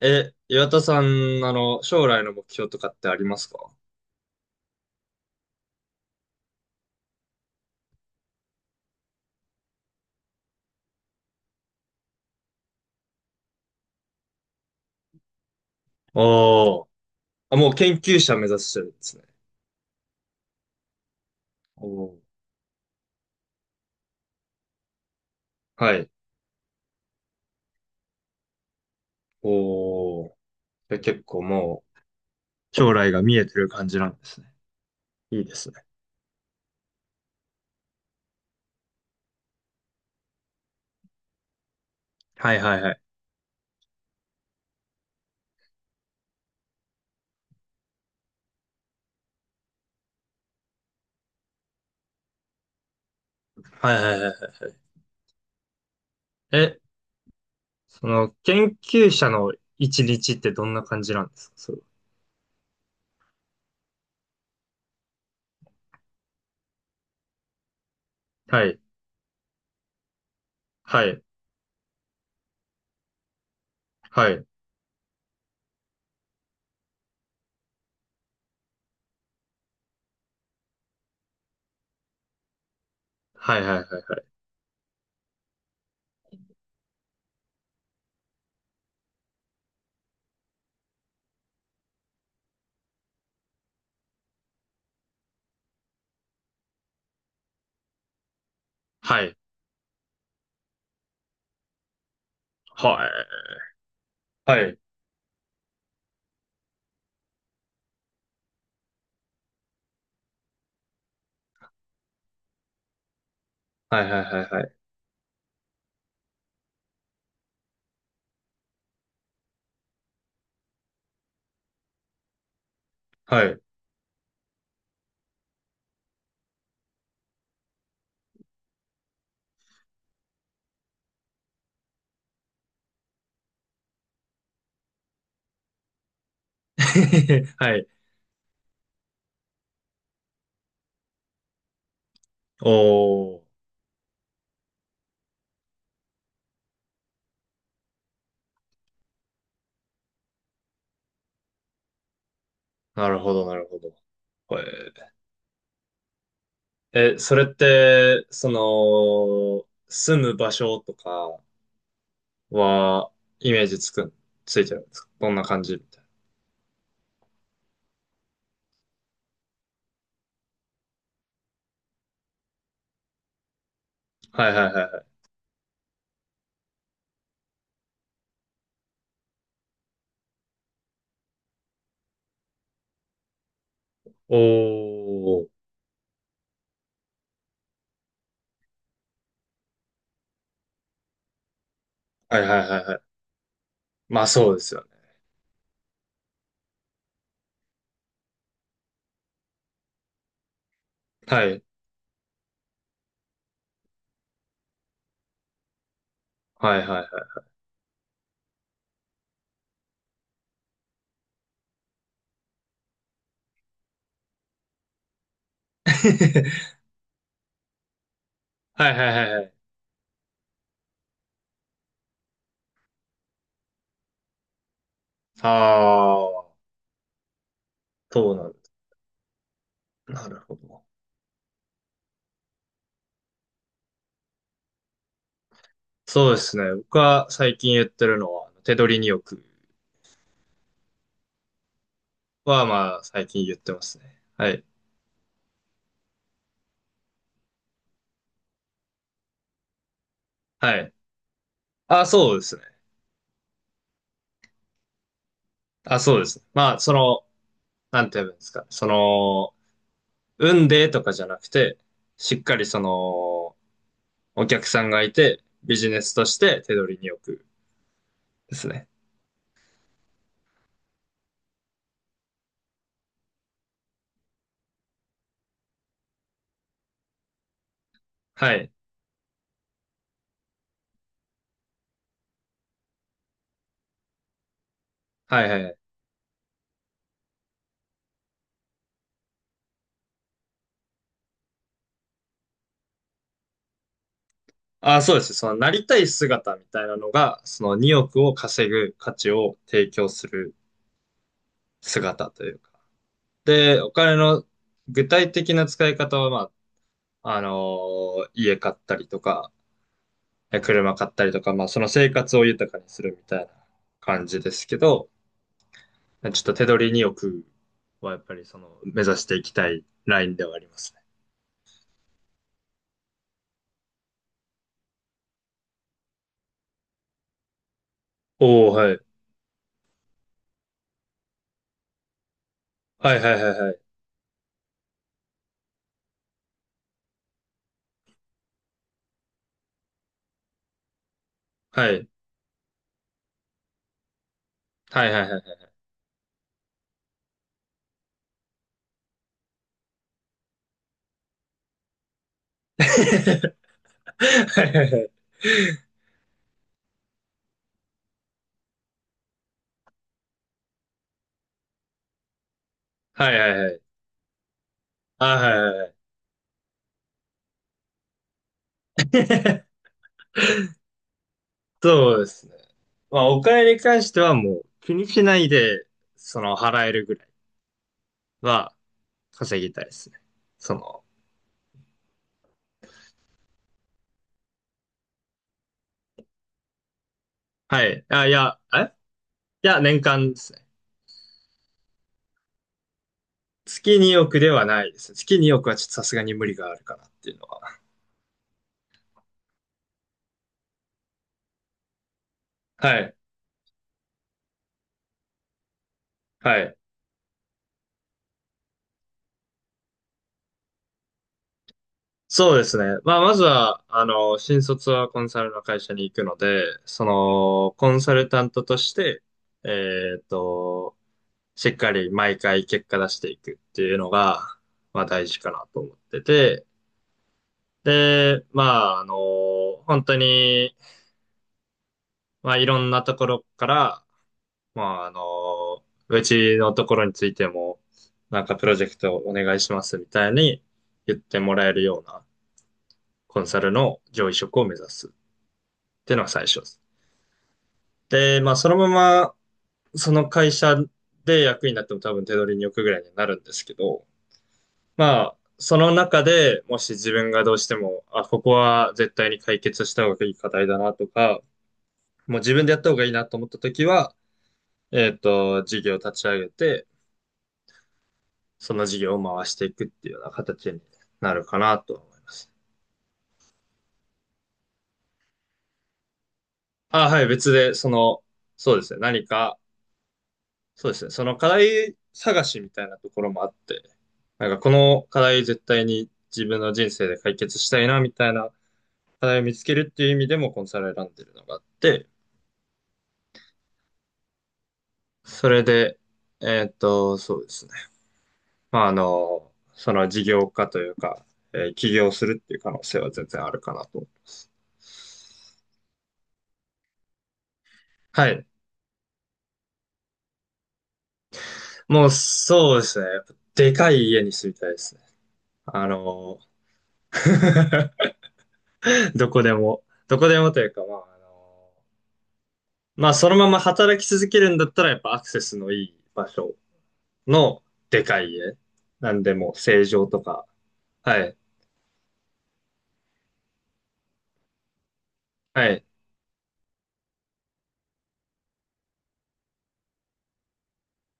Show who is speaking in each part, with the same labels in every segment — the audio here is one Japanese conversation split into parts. Speaker 1: 岩田さん、将来の目標とかってありますか？おー。あ、もう研究者目指してるんですね。おー。はい。おー。で結構もう、将来が見えてる感じなんですね。いいですね。はいはいはい。はいはいはいはい。え、研究者の一日ってどんな感じなんですか、それは？はい。はい。はい。はいはいはい。はい。はい。はい。はいはいはいはい。はい。はい。おー。なるほど、なるほど。これえ、それって、住む場所とかは、イメージつくん、ついてるんですか？どんな感じみたいな。はいはいはいはい。おー。はいはいはいはい。まあそうですよね。はい。はいはいはい。はいはいはいはい。ああ、そうなんだ。なるほど。そうですね。僕は最近言ってるのは、手取りによくはまあ最近言ってますね。はい。はい。あ、そうですね。あ、そうです。まあ、なんて言えばいいんですか。運でとかじゃなくて、しっかりお客さんがいて、ビジネスとして手取りに置くですね。はい。はいはいはい。あ、そうです。なりたい姿みたいなのが、その2億を稼ぐ価値を提供する姿というか。で、お金の具体的な使い方は、まあ、家買ったりとか、車買ったりとか、まあ、その生活を豊かにするみたいな感じですけど、ちょっと手取り2億はやっぱりその目指していきたいラインではありますね。おお、はい。はいはいはいはい。はい。はいはいはいはい。はいはいはいはい。あ、はいはいはい。そうですね。まあ、お金に関してはもう気にしないで、その払えるぐらいは稼ぎたいですね。その、はい。あ、いや、いや、年間ですね。月2億ではないです。月2億はちょっとさすがに無理があるかなっていうのは。はい。はい。そうですね。まあ、まずは、新卒はコンサルの会社に行くので、コンサルタントとして、えっと、しっかり毎回結果出していくっていうのが、まあ大事かなと思ってて、で、まあ、本当に、まあいろんなところから、まあうちのところについても、なんかプロジェクトお願いしますみたいに言ってもらえるようなコンサルの上位職を目指す、っていうのが最初です。で、まあ、そのまま、その会社で役員になっても多分手取りに置くぐらいになるんですけど、まあ、その中でもし自分がどうしても、あ、ここは絶対に解決した方がいい課題だなとか、もう自分でやった方がいいなと思った時は、事業を立ち上げて、その事業を回していくっていうような形になるかなと思います。あ、はい、別で、そうですね、何かそうですね。その課題探しみたいなところもあって、なんかこの課題絶対に自分の人生で解決したいなみたいな課題を見つけるっていう意味でもコンサルを選んでるのがあって、それで、そうですね。まあ、その事業化というか、起業するっていう可能性は全然あるかなと思います。はい。もうそうですね。やっぱでかい家に住みたいですね。あの、どこでも、どこでもというか、まあ、まあ、そのまま働き続けるんだったら、やっぱアクセスのいい場所のでかい家。なんでも、正常とか。はい。はい。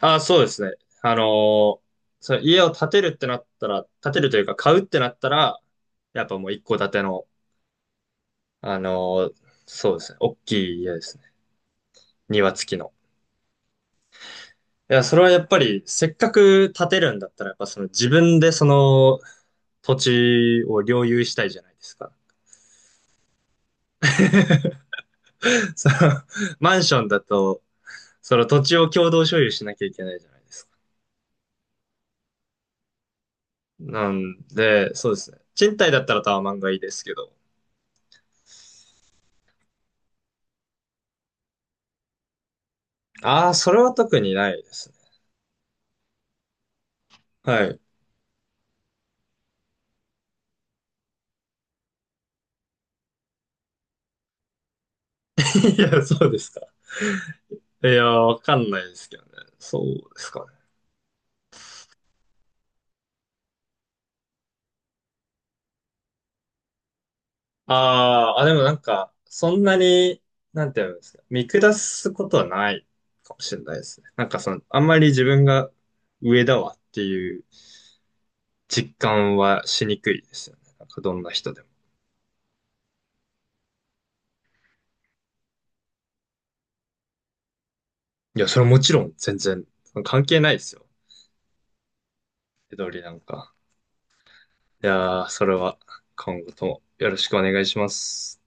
Speaker 1: あ、そうですね。あのーその家を建てるってなったら、建てるというか買うってなったら、やっぱもう一戸建ての、あのーそうですね。大きい家ですね。庭付きの。いや、それはやっぱり、せっかく建てるんだったら、やっぱその自分でその土地を領有したいじゃないですか。そのマンションだと、その土地を共同所有しなきゃいけないじゃないですか。なんで、そうですね。賃貸だったらタワマンがいいですけど。ああ、それは特にないですね。はい。いや、そうですか。いや、わかんないですけどね。そうですかね。ああ、あ、でもなんか、そんなに、なんていうんですか、見下すことはないかもしれないですね。なんかあんまり自分が上だわっていう実感はしにくいですよね。なんかどんな人でも。いや、それはもちろん全然関係ないですよ。手取りなんか。いやー、それは今後ともよろしくお願いします。